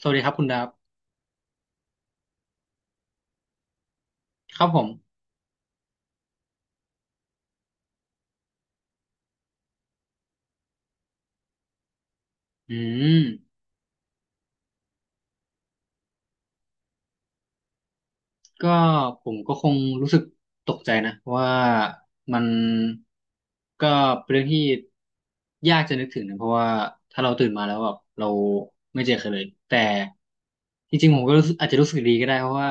สวัสดีครับคุณดาบครับผมอืมก็ผมก็คงรู้สึกตกใจนะว่ามันก็เป็นเรื่องที่ยากจะนึกถึงนะเพราะว่าถ้าเราตื่นมาแล้วแบบเราไม่เจอใครเลยแต่จริงๆผมก็รู้สึกอาจจะรู้สึกดีก็ได้เพราะว่า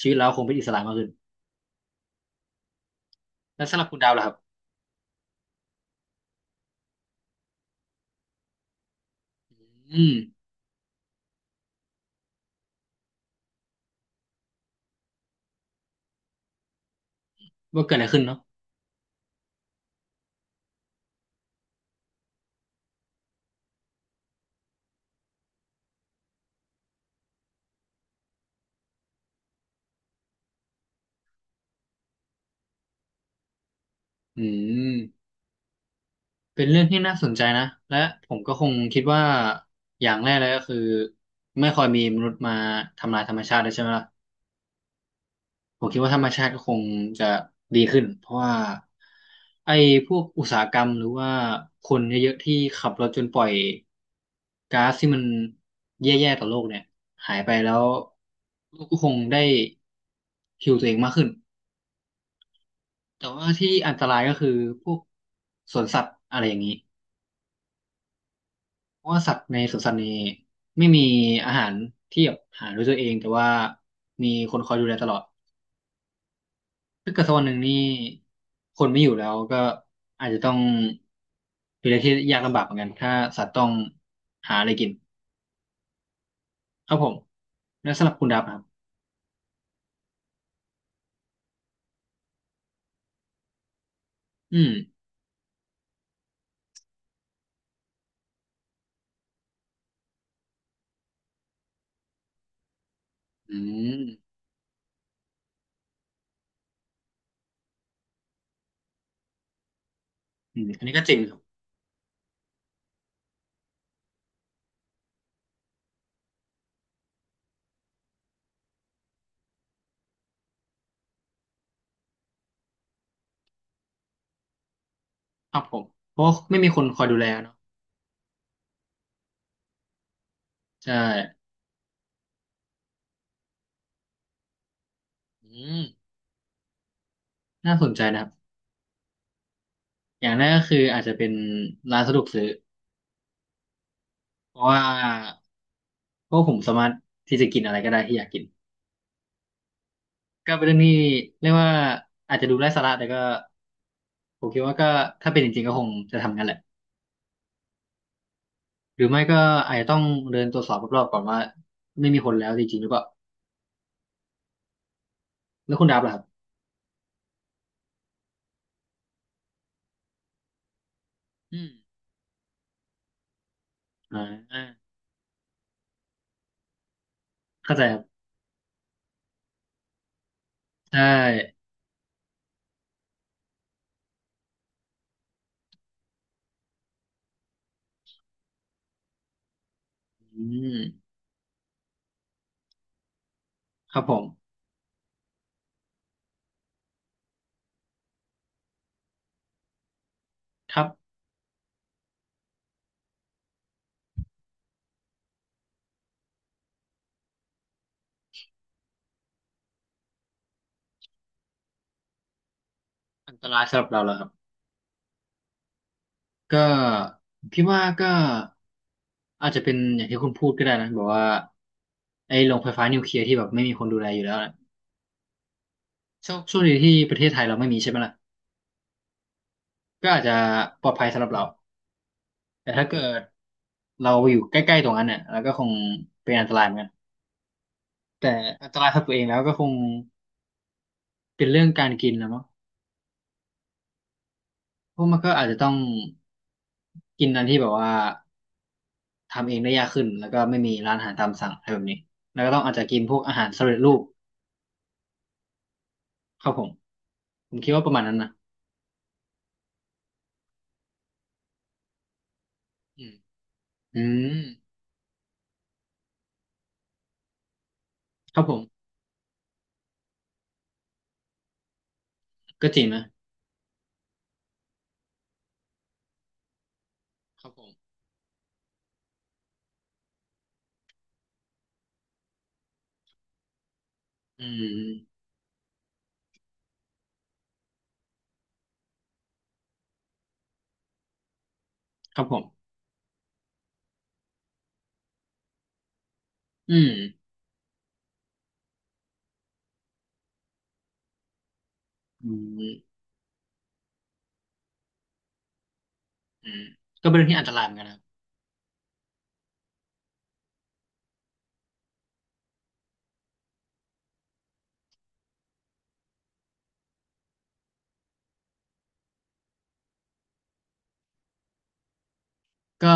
ชีวิตเราคงเป็นอิสระมากขึ้นแล้วสำหรับคุณดาวล่ะครับอืมว่าเกิดอะไรขึ้นเนาะอืม เป็นเรื่องที่น่าสนใจนะ และผมก็คงคิดว่าอย่างแรกเลยก็คือไม่ค่อยมีมนุษย์มาทำลายธรรมชาติเลยใช่ไหมล่ะผมคิดว่าธรรมชาติก็คงจะดีขึ้นเพราะว่าไอ้พวกอุตสาหกรรมหรือว่าคนเยอะๆที่ขับรถจนปล่อยก๊าซที่มันแย่ๆต่อโลกเนี่ยหายไปแล้วโลกก็คงได้ฮิวตัวเองมากขึ้น แต่ว่าที่อันตรายก็คือพวกสวนสัตว์อะไรอย่างนี้ เพราะว่าสัตว์ในสวนสัตว์นี้ไม่มีอาหารที่แบบหาด้วยตัวเองแต่ว่ามีคนคอยดูแลตลอดถ้าเกิดสักวันหนึ่งนี่คนไม่อยู่แล้วก็อาจจะต้องเป็นอะไ่ที่ยากลำบากเหมือนกันถ้าสัตว์ต้องหาอะไรกินครับผมแล้วสำหรับคุณดับครับอืมอืมอืมอันนี้ก็จริงครับครับผมเพราะว่าไม่มีคนคอยดูแลเนาะใช่อืมน่าสนใจนะครับอย่างแรกก็คืออาจจะเป็นร้านสะดวกซื้อเพราะว่า เพราะผมสามารถที่จะกินอะไรก็ได้ที่อยากกินก็เป็นเรื่องที่เรียกว่าอาจจะดูไร้สาระแต่ก็ผมคิดว่าก็ถ้าเป็นจริงๆก็คงจะทำงั้นแหละหรือไม่ก็อาจจะต้องเดินตรวจสอบรอบๆก่อนว่าไม่มีคนแล้วจริงๆหรือเปล่าแล้วคุณดับล่ะครับอืมอ่าเข้าใจครับใช่อืมครับผมครับอันตรายสำหรับเราแล้วครับก็ผมคิดว่าก็อาจจะเป็นอย่างที่คุณพูดก็ได้นะแบบว่าไอ้โรงไฟฟ้านิวเคลียร์ที่แบบไม่มีคนดูแลอยู่แล้ว โช่วงช่วนี้ที่ประเทศไทยเราไม่มีใช่ไหมล่ะก็อาจจะปลอดภัยสำหรับเราแต่ถ้าเกิดเราอยู่ใกล้ๆตรงนั้นเนี่ยเราก็คงเป็นอันตรายเหมือนกันแต่อันตรายสำหรับตัวเองแล้วก็คงเป็นเรื่องการกินนะมั้งเพราะมันก็อาจจะต้องกินอันที่แบบว่าทำเองได้ยากขึ้นแล้วก็ไม่มีร้านอาหารตามสั่งอะไรแบบนี้แล้วก็ต้องอาจจะกินพวกอาหารสำเร็จรูปครับผมผมคิดว่าประมาณนั้นนะอืมอืมครับผมก็จริงนะครับผมอืมครับผมอืมอืม อืมก็เป็นเรื่องที่อันตรายเหมือนกันนะครับก็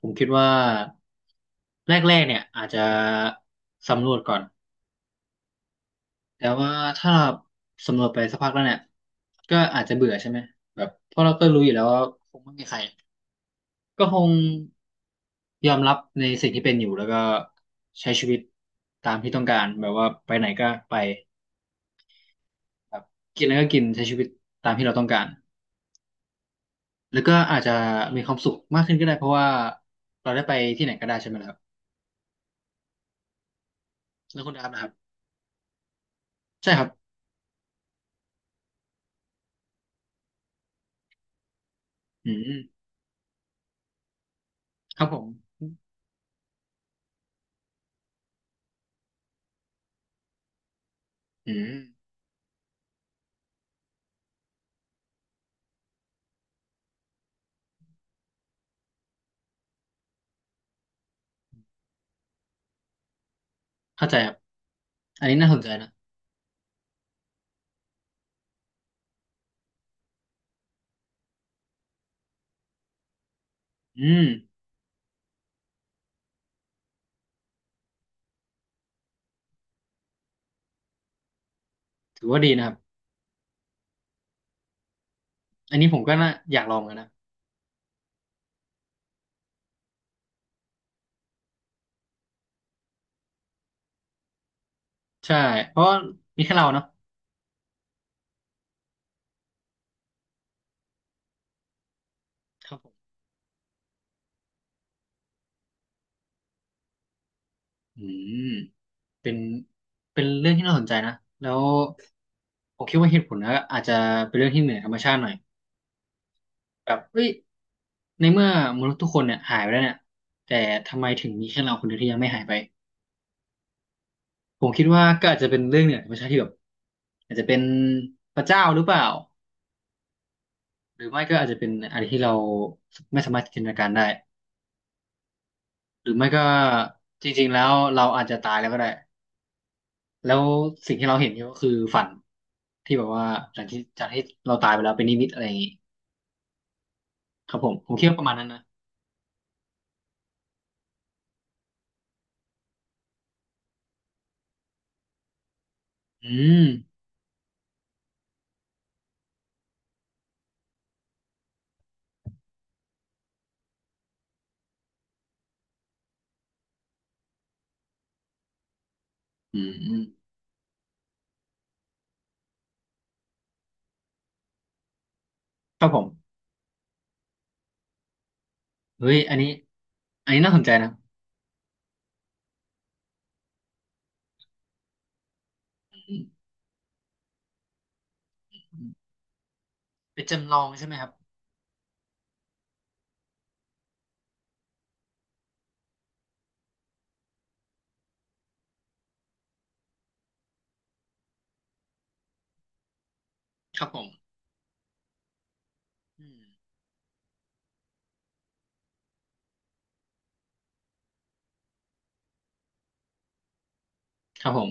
ผมคิดว่าแรกๆเนี่ยอาจจะสำรวจก่อนแต่ว่าถ้าเราสำรวจไปสักพักแล้วเนี่ยก็อาจจะเบื่อใช่ไหมแบบเพราะเราก็รู้อยู่แล้วว่าคงไม่มีใครก็คงยอมรับในสิ่งที่เป็นอยู่แล้วก็ใช้ชีวิตตามที่ต้องการแบบว่าไปไหนก็ไปแบบกินแล้วก็กินใช้ชีวิตตามที่เราต้องการแล้วก็อาจจะมีความสุขมากขึ้นก็ได้เพราะว่าเราได้ไปที่ไหนก็ได้ใช่ไหมล่ะครับแล้วคุณดาบนะครับ ใช่ครับอืมครับผมอืมเข้าใจครับอันนี้น่าสนใจนะอืมถือว่าดีนะครับอันนี้ผมก็น่าอยากลองกันนะใช่เพราะว่ามีแค่เราเนาะครับผมอืมเป็นเป็นเรื่องที่น่าสนใจนะแล้วผมคิดว่าเหตุผลนะอาจจะเป็นเรื่องที่เหนือธรรมชาติหน่อยแบบเฮ้ยในเมื่อมนุษย์ทุกคนเนี่ยหายไปแล้วเนี่ยแต่ทำไมถึงมีแค่เราคนเดียวที่ยังไม่หายไปผมคิดว่าก็อาจจะเป็นเรื่องเหนือธรรมชาติที่แบบอาจจะเป็นพระเจ้าหรือเปล่า หรือไม่ก็อาจจะเป็นอะไรที่เราไม่สามารถจินตนาการได้หรือไม่ก็จริงๆแล้วเราอาจจะตายแล้วก็ได้แล้วสิ่งที่เราเห็นก็คือฝันที่แบบว่าหลังที่จากที่เราตายไปแล้วเป็นนิมิตอะไรอย่างงี้ครับผมผมคิดว่าประมาณนั้นนะอืมอืมอืมครับผมเฮ้ยอันนี้น่าสนใจนะอืมอืมเป็นจำลองใช่ไหมครับครับผมอืมครับผม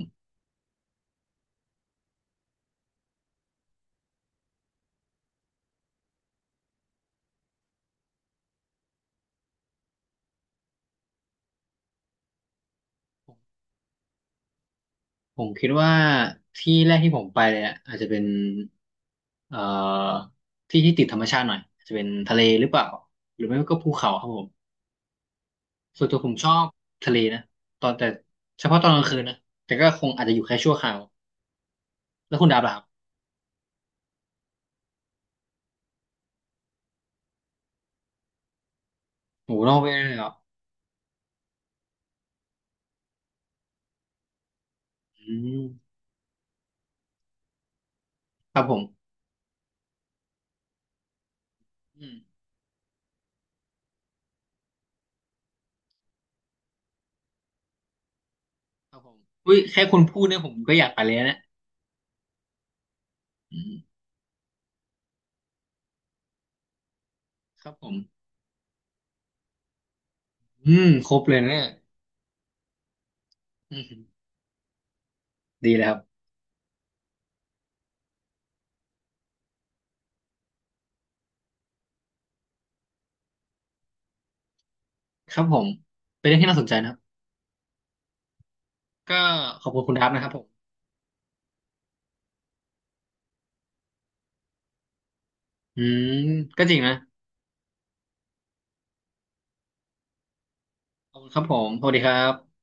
ผมคิดว่าที่แรกที่ผมไปเลยอะอาจจะเป็นเอ่อที่ที่ติดธรรมชาติหน่อยอาจจะเป็นทะเลหรือเปล่าหรือไม่ก็ภูเขาครับผมส่วนตัวผมชอบทะเลนะตอนแต่เฉพาะตอนกลางคืนนะแต่ก็คงอาจจะอยู่แค่ชั่วคราวแล้วคุณดาบล่ะครับโหนอกเวย์เลยเหรออืมครับผมอืมครับผมอุ้ยแค่คุณพูดเนี่ยผมก็อยากไปเลยนะเนี่ยอืมครับผมอืมครบเลยนะเนี่ยอืมดีเลยครับครับผมเป็นเรื่องที่น่าสนใจนะครับก็ขอบคุณคุณดาบนะครับผม อืมก็จริงนะขอบคุณครับผมสวัสดีครับ